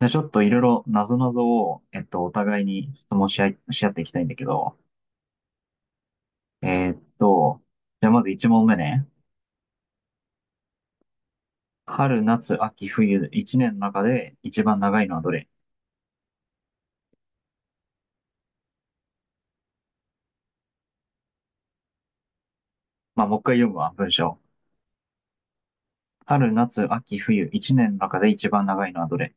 じゃあちょっといろいろなぞなぞを、お互いに質問し合っていきたいんだけど、えーっと、じゃあまず1問目ね。春、夏、秋、冬、1年の中で一番長いのはどれ？まあ、もう一回読むわ、文章。春、夏、秋、冬、1年の中で一番長いのはどれ？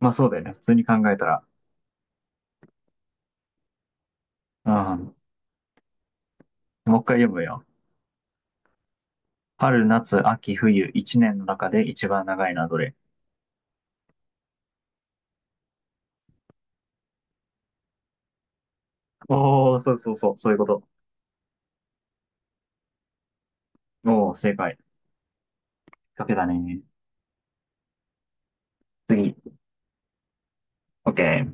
まあ、そうだよね。普通に考えたら。うん。もう一回読むよ。春、夏、秋、冬、1年の中で一番長いのはどれ？おー、そうそうそう、そういうこと。おー、正解。かけだね。次。OK。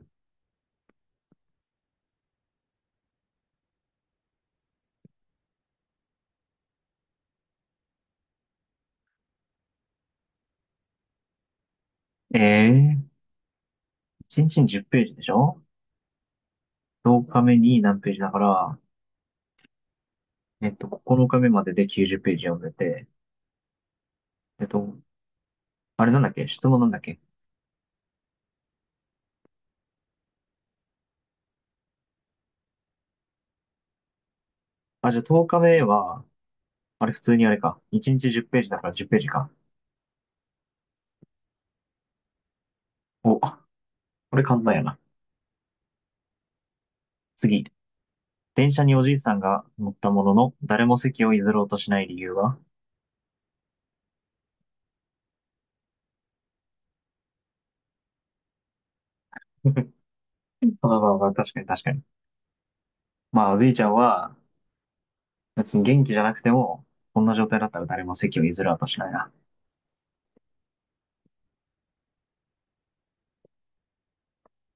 えー1日に10ページでしょ？ 10 日目に何ページだから、9日目までで90ページ読んでて、えっと、あれなんだっけ？質問なんだっけ？あ、じゃあ10日目は、あれ普通にあれか。1日10ページだから10ページか。お、これ簡単やな。次。電車におじいさんが乗ったものの、誰も席を譲ろうとしない理由は？ まあまあまあ、確かに確かに。まあ、おじいちゃんは、別に元気じゃなくても、こんな状態だったら誰も席を譲ろうとしないな。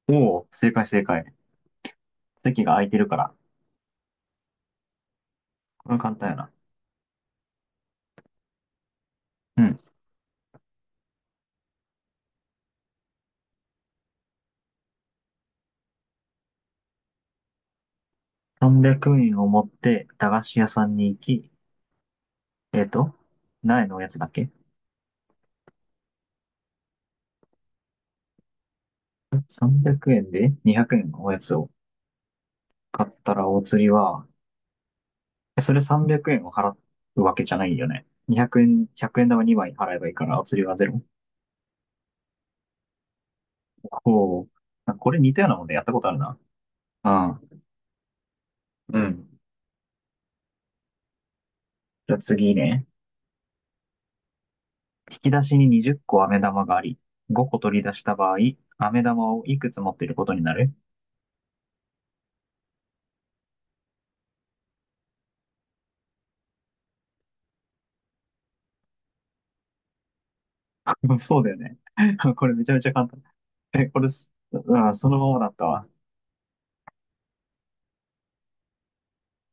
おお、正解正解。席が空いてるから。これ簡単やな。うん。300円を持って駄菓子屋さんに行き、えっと、何円のおやつだっけ？ 300 円で200円のおやつを買ったらお釣りは、それ300円を払うわけじゃないよね。200円、1円玉2枚払えばいいからお釣りはゼロ。こう。これ似たようなもんでやったことあるな。ああ、うん。じゃあ次ね。引き出しに20個飴玉があり、5個取り出した場合、飴玉をいくつ持っていることになる？ そうだよね。これめちゃめちゃ簡単。え、これす、あそのままだったわ。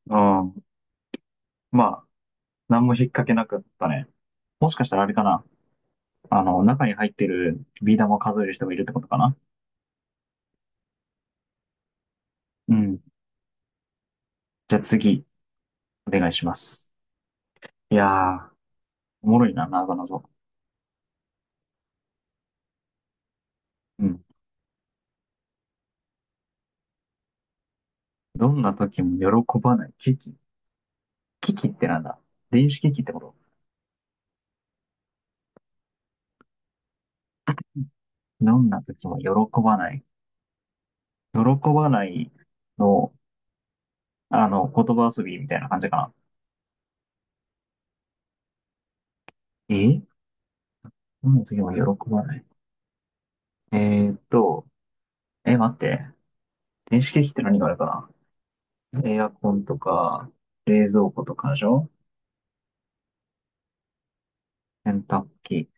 うん。まあ、何も引っ掛けなかったね。もしかしたらあれかな。中に入ってるビー玉を数える人もいるってことかな。うん。じゃあ次、お願いします。いやー、おもろいな、なぞなぞ。うん。どんな時も喜ばない。危機。危機ってなんだ？電子機器ってこと？どんな時も喜ばない。喜ばないの、言葉遊びみたいな感じかな。えどんな時も喜ばない。えーっと、待って。電子機器って何があるかな？エアコンとか、冷蔵庫とかでしょ？洗濯機。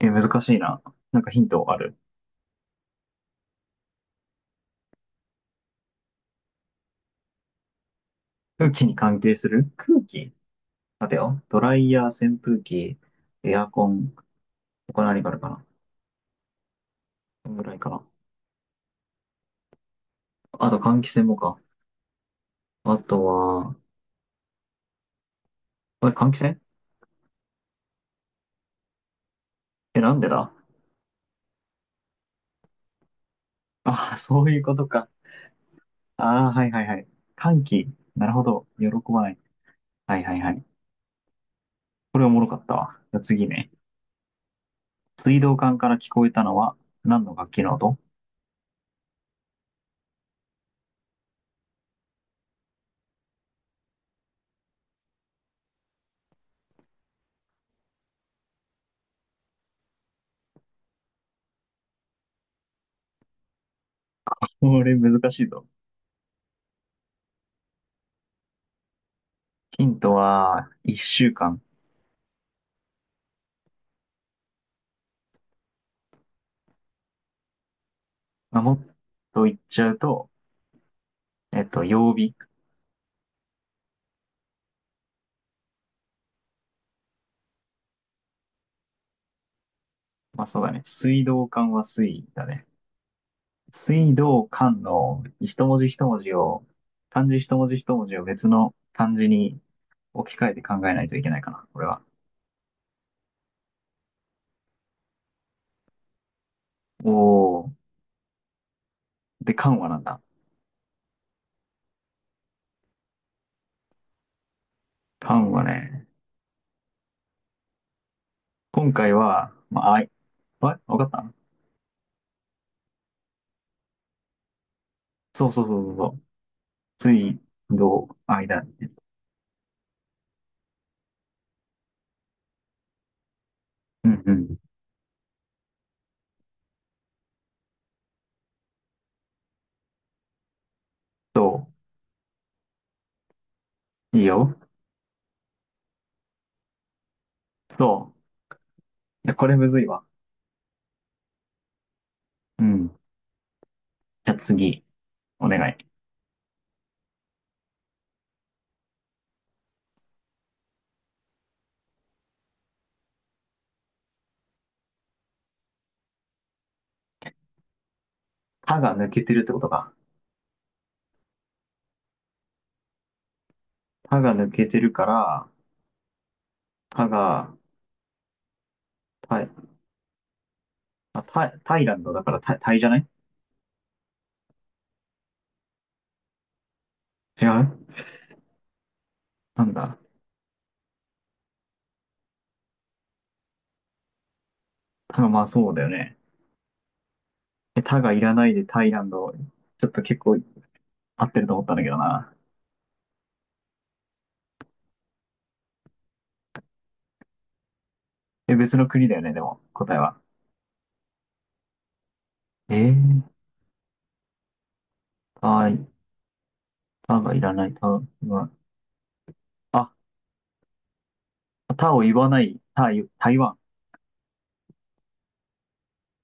難しいな。なんかヒントある？空気に関係する。空気？待てよ。ドライヤー、扇風機、エアコン、他何があるかな？こんぐらいかな。あと換気扇もか。あとは、あれ、換気扇？なんでだ？ああ、そういうことか。ああ、はいはいはい。換気。なるほど。喜ばない。はいはいはい。これおもろかったわ。じゃあ次ね。水道管から聞こえたのは何の楽器の音？これ難しいぞ。ヒントは、一週間。まあ、もっと言っちゃうと、曜日。まあ、そうだね。水道管は水だね。水道管の一文字一文字を、漢字一文字一文字を別の漢字に置き換えて考えないといけないかな、これは。おー。で、管はなんだ？管はね、今回は、まあ、あ、わかった？そうそうそうそうそう。水道、間。うんうん。そう。いいよ。そう。や、これむずいわ。うん。じゃあ次、お願い。たが抜けてるってことか。たが抜けてるから、たが、た、あ、た、タイランドだからた、タイじゃない？違う？なんだ。たが、まあそうだよね。たがいらないでタイランド、ちょっと結構合ってると思ったんだけどな。別の国だよね、でも、答えは。えー、タい、タがいらない、タが、あ、タを言わない、タイ台湾。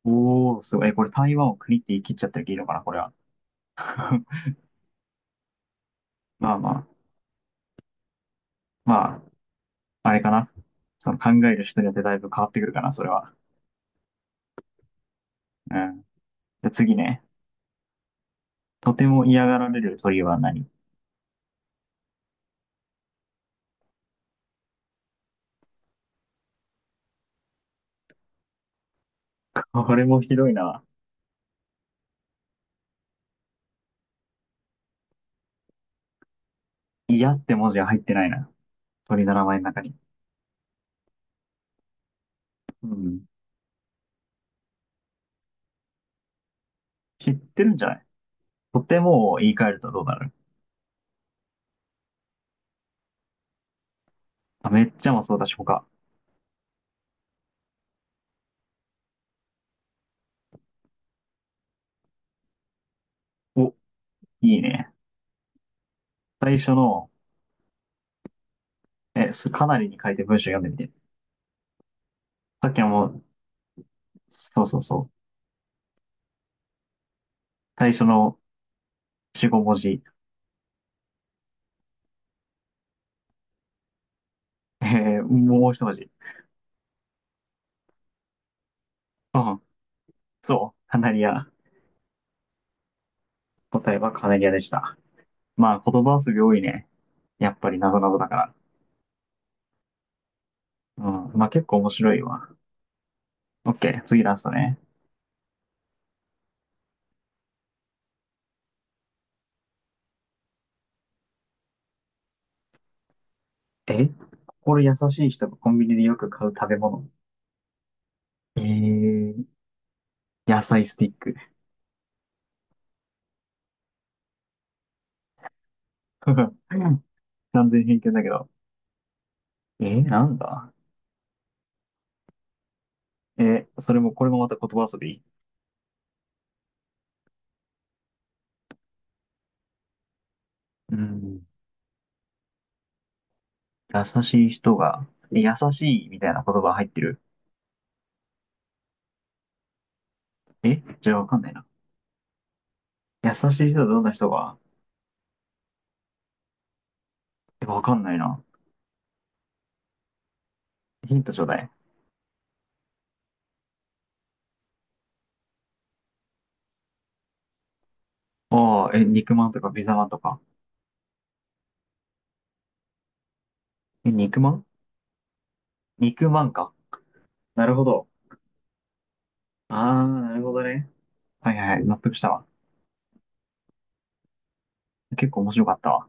おー、すごい。え、これ台湾を国って言い切っちゃってるけどいいのかな、これは。まあまあ、まあ、あれかな。その考える人によってだいぶ変わってくるかな、それは。うん。で、次ね。とても嫌がられる鳥は何？これもひどいな。嫌って文字が入ってないな。鳥の名前の中に。うん。知ってるんじゃない？とてもを言い換えるとどうなる？あ、めっちゃもそうだし、他？お、いいね。最初の、かなりに書いて文章読んでみて。さっきはもう、そうそうそう。最初の4、5文字。えもう一文字。うん。そう。カナリア。答えはカナリアでした。まあ、言葉遊び多いね。やっぱりなぞなぞだから。うん。まあ、結構面白いわ。オッケー、次ラストね。え心優しい人がコンビニでよく買う食べ物。えー、野菜スティック。完全偏見だけど。なんだ？それも、これもまた言葉遊び？うん。優しい人が、優しいみたいな言葉入ってる？じゃあわかんないな。優しい人はどんな人が？わかんないな。ヒントちょうだい。ああ、肉まんとかピザまんとか。肉まん？肉まんか。なるほど。ああ、なるほどね。はいはいはい。納得したわ。結構面白かったわ。